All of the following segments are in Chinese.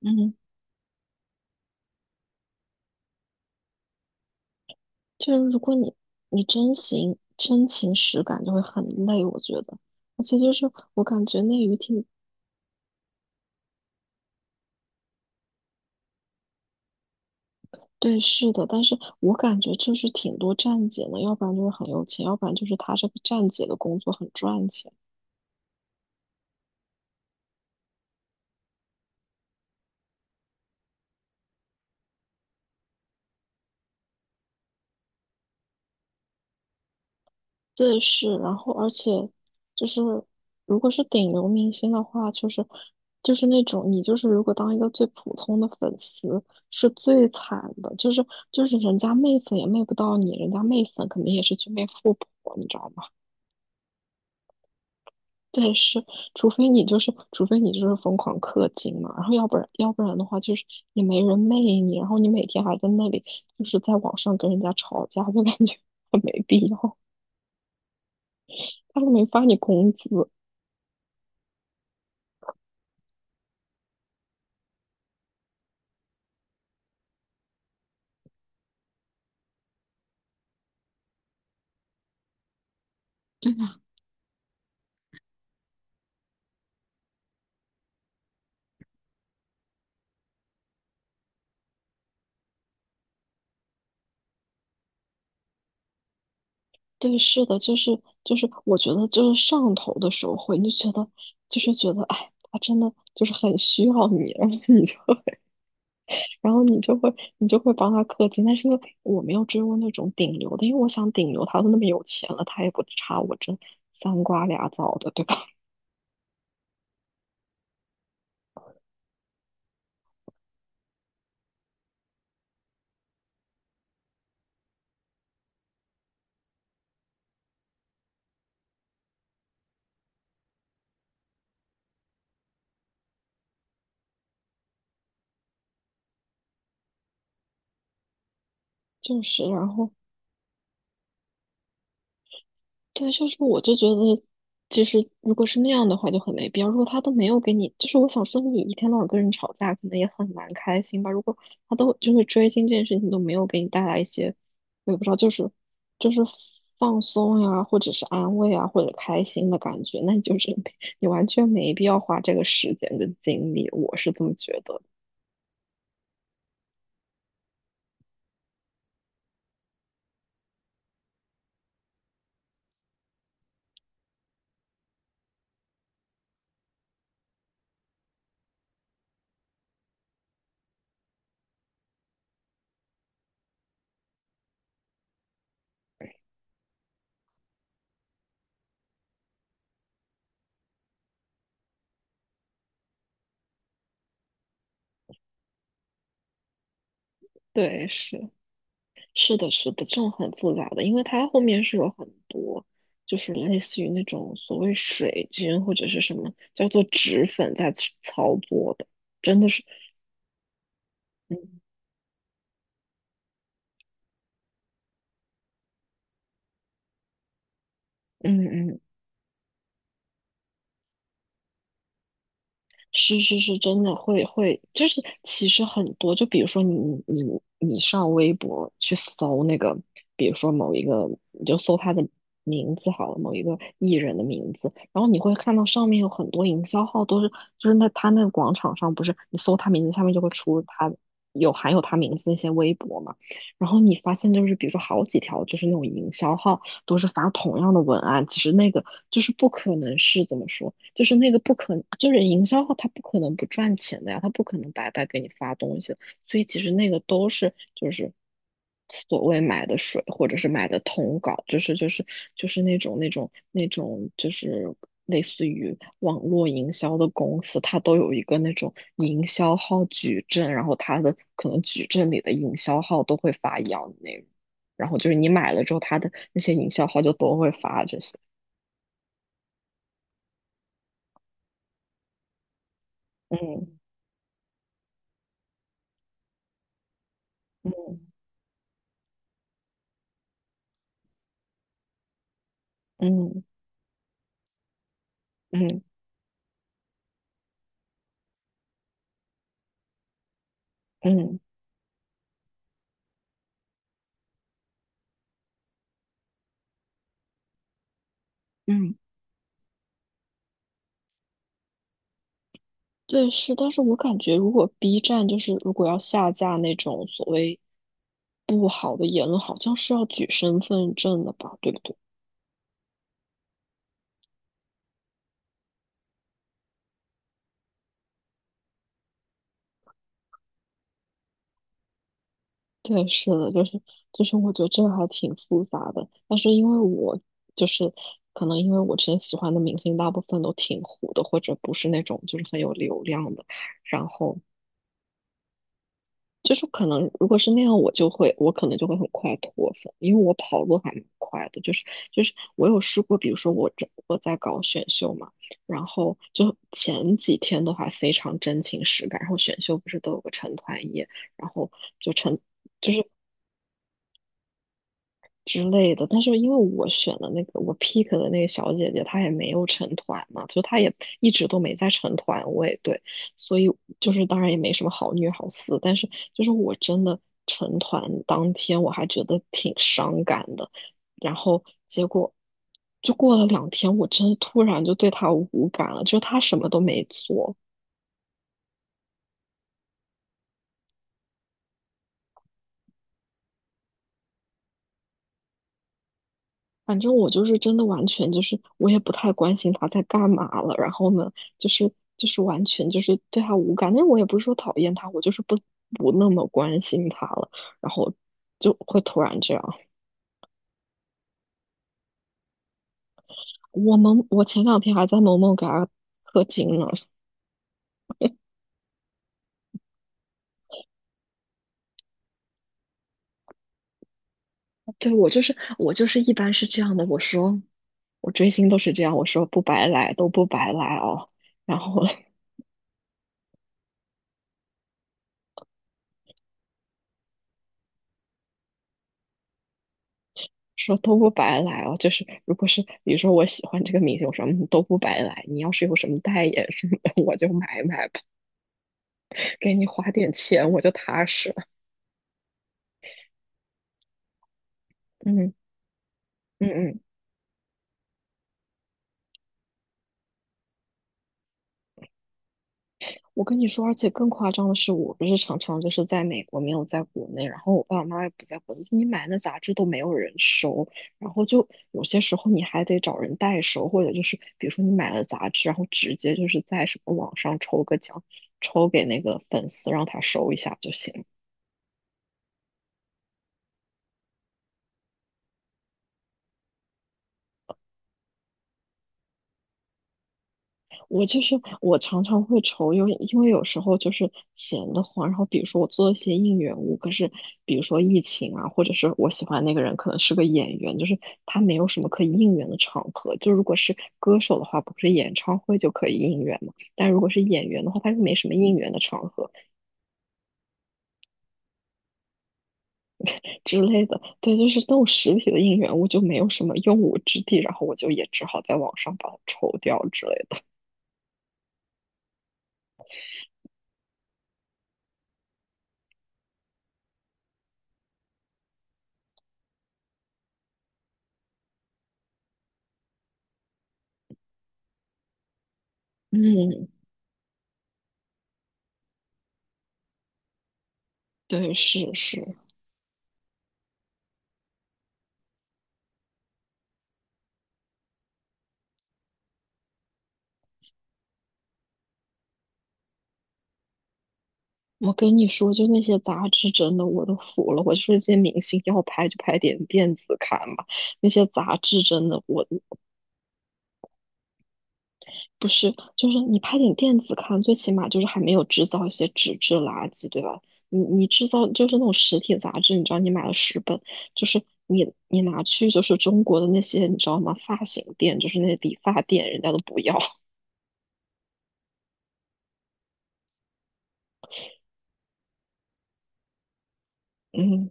嗯，就是如果你真情实感，就会很累，我觉得。而且就是我感觉内娱挺。对，是的，但是我感觉就是挺多站姐呢，要不然就是很有钱，要不然就是他这个站姐的工作很赚钱。对，是，然后而且就是，如果是顶流明星的话，就是那种你就是如果当一个最普通的粉丝是最惨的，就是人家媚粉也媚不到你，人家媚粉肯定也是去媚富婆，你知道吗？对，是，除非你就是疯狂氪金嘛，然后要不然的话就是也没人媚你，然后你每天还在那里就是在网上跟人家吵架，就感觉 很没必要，他都没发你工资。对呀。对，是的，就是，我觉得就是上头的时候会，你就觉得就是觉得，哎，他真的就是很需要你，然后你就会，你就会帮他氪金。但是因为我没有追过那种顶流的，因为我想顶流他都那么有钱了，他也不差我这三瓜俩枣的，对吧？就是，然后对，就是我就觉得，其实如果是那样的话，就很没必要。如果他都没有给你，就是我想说，你一天到晚跟人吵架，可能也很难开心吧。如果他都就是追星这件事情都没有给你带来一些，我也不知道，就是放松呀，或者是安慰啊，或者开心的感觉，那你就是没，你完全没必要花这个时间跟精力。我是这么觉得。对，是。是的，是的，这种很复杂的，因为它后面是有很多，就是类似于那种所谓水军或者是什么叫做脂粉在操作的，真的是，嗯嗯嗯是是是，真的会，就是其实很多，就比如说你你上微博去搜那个，比如说某一个，你就搜他的名字好了，某一个艺人的名字，然后你会看到上面有很多营销号都是，就是那他那个广场上不是你搜他名字下面就会出他有含有他名字那些微博嘛，然后你发现就是比如说好几条就是那种营销号都是发同样的文案，其实那个就是不可能是怎么说。就是那个不可，就是营销号，他不可能不赚钱的呀，他不可能白白给你发东西的。所以其实那个都是就是所谓买的水，或者是买的通稿，就是那种就是类似于网络营销的公司，它都有一个那种营销号矩阵，然后它的可能矩阵里的营销号都会发一样的内容，然后就是你买了之后，它的那些营销号就都会发这些。嗯嗯嗯嗯嗯。嗯，对，是，但是我感觉如果 B 站就是如果要下架那种所谓不好的言论，好像是要举身份证的吧，对不对？对，是的，就是，我觉得这个还挺复杂的。但是因为我就是可能因为我之前喜欢的明星大部分都挺糊的，或者不是那种就是很有流量的，然后就是可能如果是那样，我就会，我可能就会很快脱粉，因为我跑路还蛮快的。就是我有试过，比如说我在搞选秀嘛，然后就前几天的话非常真情实感，然后选秀不是都有个成团夜，然后就成。就是。之类的。但是因为我选的那个我 pick 的那个小姐姐，她也没有成团嘛，就她也一直都没在成团，我也对，所以就是当然也没什么好虐好撕，但是就是我真的成团当天我还觉得挺伤感的，然后结果。就过了两天，我真的突然就对她无感了，就是她什么都没做，反正我就是真的完全就是我也不太关心他在干嘛了，然后呢，就是就是完全就是对他无感，但是我也不是说讨厌他，我就是不那么关心他了，然后就会突然这样。我前两天还在萌萌给他氪金呢。对，我就是一般是这样的，我说我追星都是这样，我说不白来都不白来哦，然后说都不白来哦，就是如果是比如说我喜欢这个明星，我说嗯都不白来，你要是有什么代言什么的，我就买买吧，给你花点钱我就踏实了。嗯嗯嗯，我跟你说，而且更夸张的是，我不是常常就是在美国没有在国内，然后我爸爸妈妈也不在国内，你买那杂志都没有人收，然后就有些时候你还得找人代收，或者就是比如说你买了杂志，然后直接就是在什么网上抽个奖，抽给那个粉丝让他收一下就行。我就是我常常会愁，因为有时候就是闲得慌，然后比如说我做一些应援物，可是比如说疫情啊，或者是我喜欢那个人可能是个演员，就是他没有什么可以应援的场合。就如果是歌手的话，不是演唱会就可以应援嘛？但如果是演员的话，他就没什么应援的场合之类的。对，就是那种实体的应援物就没有什么用武之地，然后我就也只好在网上把它抽掉之类的。嗯，对，是是。我跟你说，就那些杂志真的我都服了。我就说这些明星要拍就拍点电子刊吧，那些杂志真的我不是，就是你拍点电子刊，最起码就是还没有制造一些纸质垃圾，对吧？你制造就是那种实体杂志，你知道你买了10本，就是你拿去就是中国的那些你知道吗？发型店就是那些理发店，人家都不要。嗯，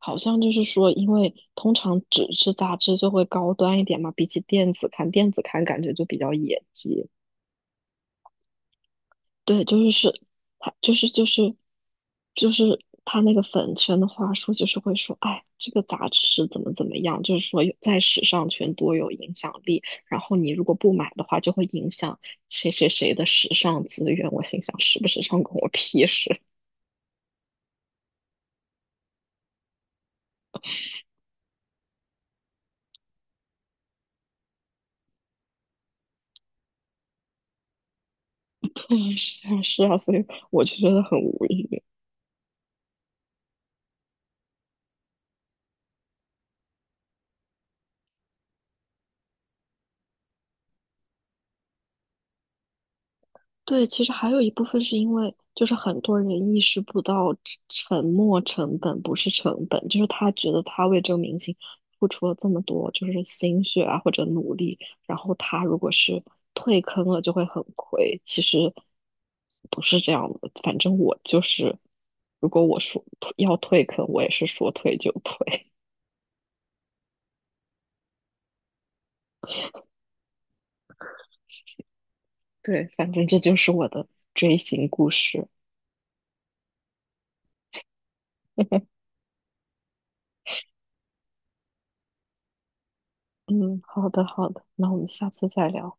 好像就是说，因为通常纸质杂志就会高端一点嘛，比起电子刊，电子刊感觉就比较野鸡。对，就是是，他就是他那个粉圈的话术，就是会说，哎，这个杂志是怎么怎么样，就是说有在时尚圈多有影响力，然后你如果不买的话，就会影响谁谁谁的时尚资源。我心想，时不时尚关我屁事。对，是啊，是啊，所以我就觉得很无语。对，其实还有一部分是因为，就是很多人意识不到沉没成本不是成本，就是他觉得他为这个明星付出了这么多，就是心血啊或者努力，然后他如果是退坑了就会很亏。其实不是这样的，反正我就是，如果我说要退坑，我也是说退就退。对，反正这就是我的追星故事。嗯，好的好的，那我们下次再聊。